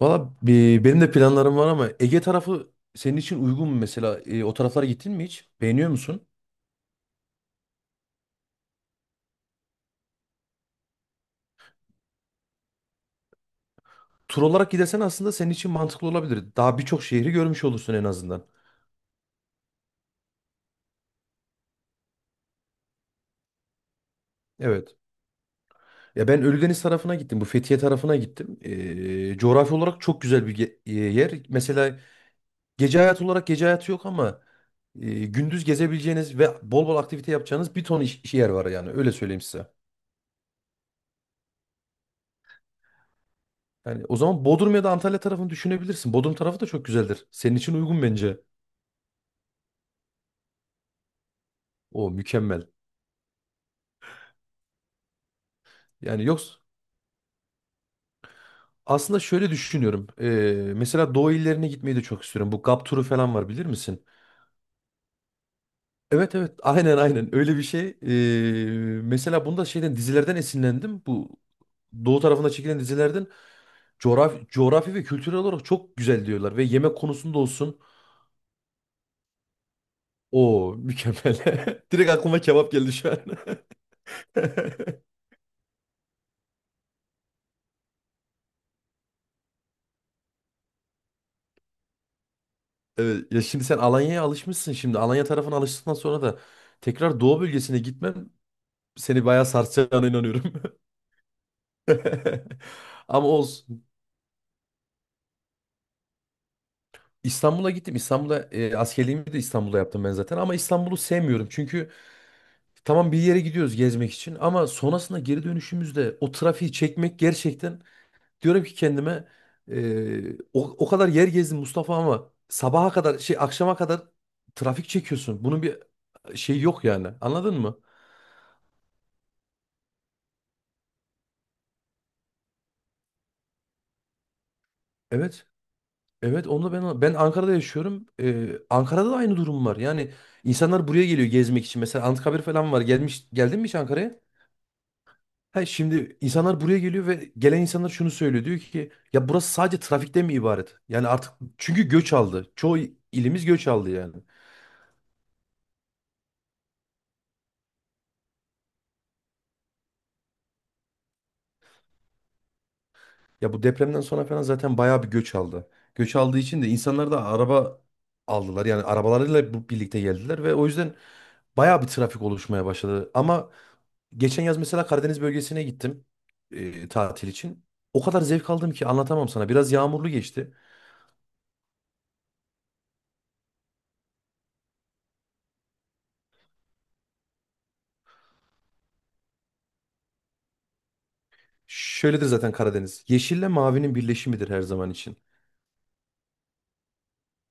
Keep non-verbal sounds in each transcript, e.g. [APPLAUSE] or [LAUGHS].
Valla benim de planlarım var ama Ege tarafı senin için uygun mu mesela? O taraflara gittin mi hiç? Beğeniyor musun? Tur olarak gidersen aslında senin için mantıklı olabilir. Daha birçok şehri görmüş olursun en azından. Evet. Ya ben Ölüdeniz tarafına gittim. Bu Fethiye tarafına gittim. Coğrafi olarak çok güzel bir yer. Mesela gece hayatı olarak gece hayatı yok ama gündüz gezebileceğiniz ve bol bol aktivite yapacağınız bir ton iş yer var yani. Öyle söyleyeyim size. Yani o zaman Bodrum ya da Antalya tarafını düşünebilirsin. Bodrum tarafı da çok güzeldir. Senin için uygun bence. O mükemmel. Yani yoksa aslında şöyle düşünüyorum. Mesela Doğu illerine gitmeyi de çok istiyorum. Bu GAP turu falan var bilir misin? Evet evet [LAUGHS] aynen aynen öyle bir şey. Mesela bunda şeyden dizilerden esinlendim. Bu Doğu tarafında çekilen dizilerden coğrafi ve kültürel olarak çok güzel diyorlar. Ve yemek konusunda olsun. O mükemmel. [LAUGHS] Direkt aklıma kebap geldi şu an. [LAUGHS] Evet, ya şimdi sen Alanya'ya alışmışsın şimdi. Alanya tarafına alıştıktan sonra da tekrar Doğu bölgesine gitmem seni bayağı sarsacağına inanıyorum. [LAUGHS] Ama olsun. İstanbul'a gittim. İstanbul'a askerliğimi de İstanbul'da yaptım ben zaten. Ama İstanbul'u sevmiyorum. Çünkü tamam bir yere gidiyoruz gezmek için. Ama sonrasında geri dönüşümüzde o trafiği çekmek gerçekten, diyorum ki kendime, o kadar yer gezdim Mustafa ama sabaha kadar şey akşama kadar trafik çekiyorsun. Bunun bir şey yok yani. Anladın mı? Evet. Evet onu da ben Ankara'da yaşıyorum. Ankara'da da aynı durum var. Yani insanlar buraya geliyor gezmek için. Mesela Anıtkabir falan var. Geldin mi hiç Ankara'ya? Ha, şimdi insanlar buraya geliyor ve gelen insanlar şunu söylüyor. Diyor ki ya burası sadece trafikten mi ibaret? Yani artık çünkü göç aldı. Çoğu ilimiz göç aldı yani. Ya bu depremden sonra falan zaten bayağı bir göç aldı. Göç aldığı için de insanlar da araba aldılar. Yani arabalarıyla birlikte geldiler ve o yüzden bayağı bir trafik oluşmaya başladı. Ama geçen yaz mesela Karadeniz bölgesine gittim tatil için. O kadar zevk aldım ki anlatamam sana. Biraz yağmurlu geçti. Şöyledir zaten Karadeniz. Yeşille mavinin birleşimidir her zaman için.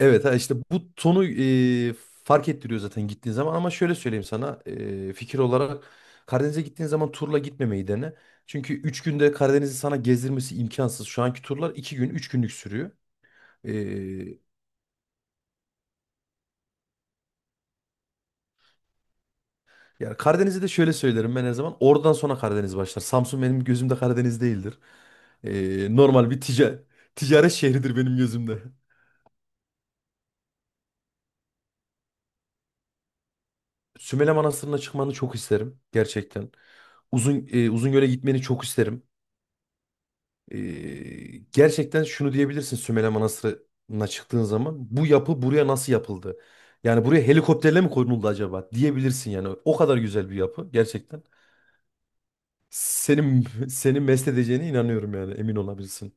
Evet, ha işte bu tonu e, fark ettiriyor zaten gittiğin zaman ama şöyle söyleyeyim sana fikir olarak Karadeniz'e gittiğin zaman turla gitmemeyi dene. Çünkü 3 günde Karadeniz'i sana gezdirmesi imkansız. Şu anki turlar 2 gün 3 günlük sürüyor. E, Yani Karadeniz'i de şöyle söylerim ben her zaman, oradan sonra Karadeniz başlar. Samsun benim gözümde Karadeniz değildir. Normal bir ticaret şehridir benim gözümde. Sümele Manastırı'na çıkmanı çok isterim gerçekten. Uzungöl'e gitmeni çok isterim. Gerçekten şunu diyebilirsin, Sümele Manastırı'na çıktığın zaman bu yapı buraya nasıl yapıldı? Yani buraya helikopterle mi konuldu acaba diyebilirsin yani. O kadar güzel bir yapı gerçekten. Senin [LAUGHS] seni mest edeceğine inanıyorum yani emin olabilirsin.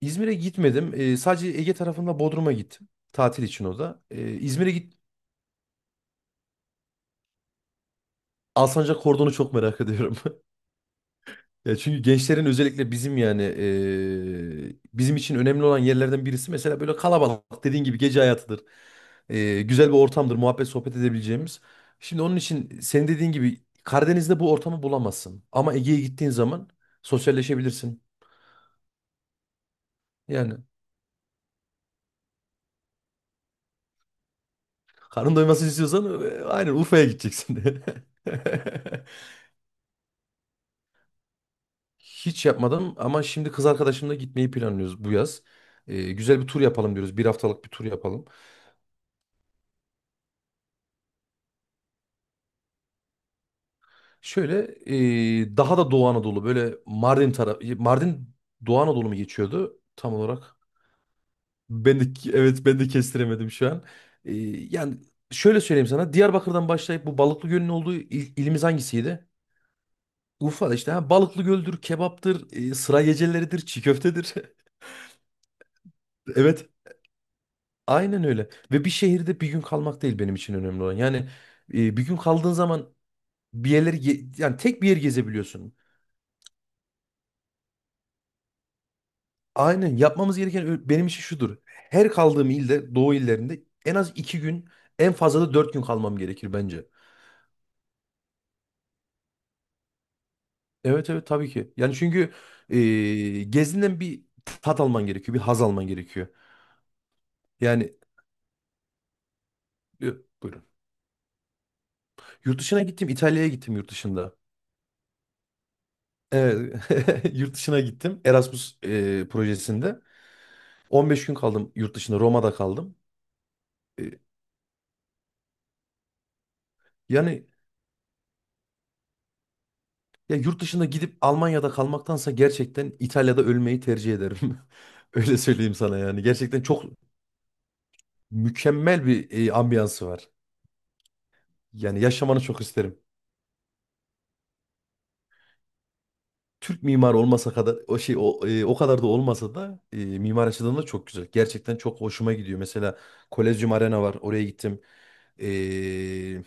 İzmir'e gitmedim. Sadece Ege tarafında Bodrum'a gittim. Tatil için o da. İzmir'e git Alsancak Kordon'u çok merak ediyorum. [LAUGHS] Ya çünkü gençlerin özellikle bizim yani bizim için önemli olan yerlerden birisi mesela böyle kalabalık dediğin gibi gece hayatıdır. Güzel bir ortamdır muhabbet sohbet edebileceğimiz. Şimdi onun için senin dediğin gibi Karadeniz'de bu ortamı bulamazsın. Ama Ege'ye gittiğin zaman sosyalleşebilirsin. Yani karın doymasını istiyorsan aynen Urfa'ya gideceksin. [LAUGHS] Hiç yapmadım ama şimdi kız arkadaşımla gitmeyi planlıyoruz bu yaz. Güzel bir tur yapalım diyoruz. Bir haftalık bir tur yapalım. Şöyle daha da Doğu Anadolu, böyle Mardin tarafı, Mardin Doğu Anadolu mu geçiyordu tam olarak? Ben de, evet, ben de kestiremedim şu an. E, Yani şöyle söyleyeyim sana, Diyarbakır'dan başlayıp bu Balıklı Göl'ün olduğu ilimiz hangisiydi? Urfa'da işte ha, Balıklı Göl'dür, kebaptır, sıra geceleridir, çiğ köftedir. [LAUGHS] Evet. Aynen öyle. Ve bir şehirde bir gün kalmak değil benim için önemli olan. Yani bir gün kaldığın zaman bir yerleri yani tek bir yer gezebiliyorsun. Aynen yapmamız gereken benim için şudur. Her kaldığım ilde, doğu illerinde en az iki gün, en fazla da dört gün kalmam gerekir bence. Evet evet tabii ki. Yani çünkü e, gezinden bir tat alman gerekiyor, bir haz alman gerekiyor. Yani e, buyurun. Yurt dışına gittim, İtalya'ya gittim yurt dışında. Evet, [LAUGHS] yurt dışına gittim Erasmus projesinde. 15 gün kaldım yurt dışında, Roma'da kaldım. E, yani Ya yurt dışına gidip Almanya'da kalmaktansa gerçekten İtalya'da ölmeyi tercih ederim. [LAUGHS] Öyle söyleyeyim sana yani. Gerçekten çok mükemmel bir ambiyansı var. Yani yaşamanı çok isterim. Türk mimarı olmasa kadar o kadar da olmasa da mimar açıdan da çok güzel. Gerçekten çok hoşuma gidiyor. Mesela Kolezyum Arena var. Oraya gittim. E,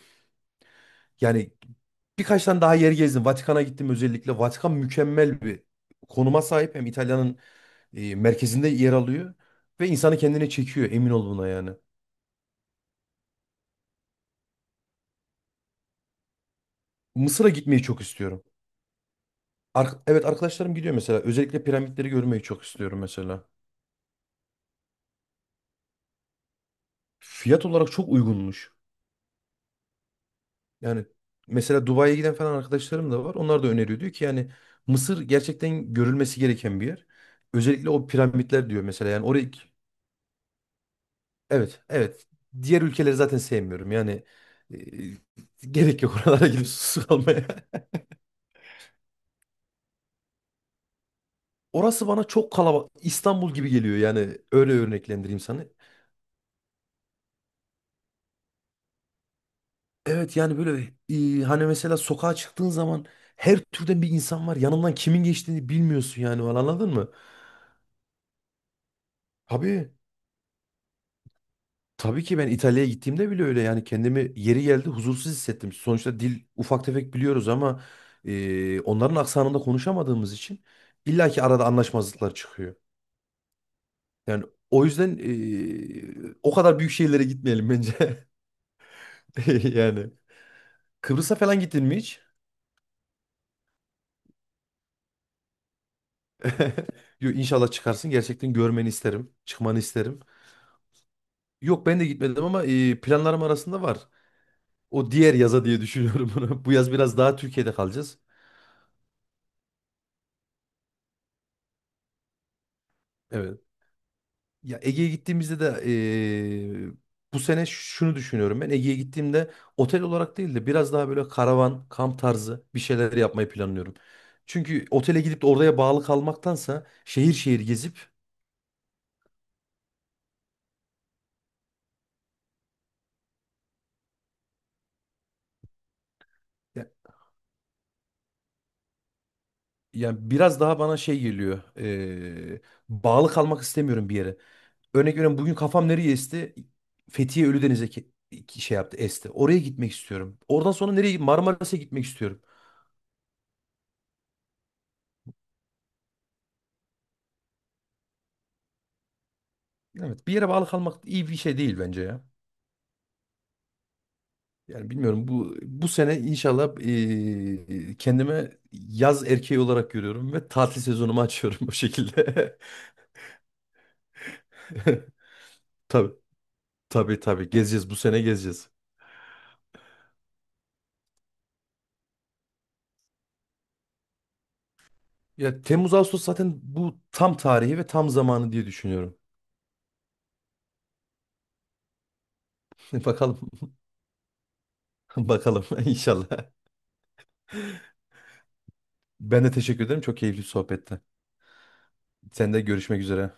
Yani Birkaç tane daha yer gezdim. Vatikan'a gittim özellikle. Vatikan mükemmel bir konuma sahip. Hem İtalya'nın merkezinde yer alıyor. Ve insanı kendine çekiyor, emin ol buna yani. Mısır'a gitmeyi çok istiyorum. Evet arkadaşlarım gidiyor mesela. Özellikle piramitleri görmeyi çok istiyorum mesela. Fiyat olarak çok uygunmuş. Yani mesela Dubai'ye giden falan arkadaşlarım da var. Onlar da öneriyor. Diyor ki yani Mısır gerçekten görülmesi gereken bir yer. Özellikle o piramitler diyor mesela. Yani oraya evet, evet. Diğer ülkeleri zaten sevmiyorum. Yani e, gerek yok oralara [LAUGHS] gidip susuz kalmaya. [LAUGHS] Orası bana çok kalabalık. İstanbul gibi geliyor yani. Öyle örneklendireyim sana. Evet yani böyle hani mesela sokağa çıktığın zaman her türden bir insan var. Yanından kimin geçtiğini bilmiyorsun yani falan anladın mı? Tabii. Tabii ki ben İtalya'ya gittiğimde bile öyle yani, kendimi yeri geldi huzursuz hissettim. Sonuçta dil ufak tefek biliyoruz ama onların aksanında konuşamadığımız için illaki arada anlaşmazlıklar çıkıyor. Yani o yüzden o kadar büyük şehirlere gitmeyelim bence. [LAUGHS] Yani Kıbrıs'a falan gittin mi hiç? Yo, İnşallah çıkarsın. Gerçekten görmeni isterim. Çıkmanı isterim. Yok ben de gitmedim ama planlarım arasında var. O diğer yaza diye düşünüyorum bunu. [LAUGHS] Bu yaz biraz daha Türkiye'de kalacağız. Evet. Ya Ege'ye gittiğimizde de bu sene şunu düşünüyorum ben. Ege'ye gittiğimde otel olarak değil de biraz daha böyle karavan, kamp tarzı bir şeyler yapmayı planlıyorum. Çünkü otele gidip de oraya bağlı kalmaktansa şehir şehir gezip ya, yani biraz daha bana şey geliyor. Bağlı kalmak istemiyorum bir yere. Örnek veriyorum, bugün kafam nereye esti? Fethiye Ölüdeniz'e şey yaptı, esti. Oraya gitmek istiyorum. Oradan sonra nereye, Marmaris'e gitmek istiyorum. Evet bir yere bağlı kalmak iyi bir şey değil bence ya. Yani bilmiyorum, bu bu sene inşallah kendime yaz erkeği olarak görüyorum ve tatil sezonumu açıyorum [LAUGHS] bu şekilde. [LAUGHS] Tabii tabii gezeceğiz bu sene, gezeceğiz. Ya Temmuz Ağustos zaten bu tam tarihi ve tam zamanı diye düşünüyorum. [LAUGHS] Bakalım [LAUGHS] bakalım [LAUGHS] inşallah. Ben de teşekkür ederim, çok keyifli sohbette. Sen de görüşmek üzere.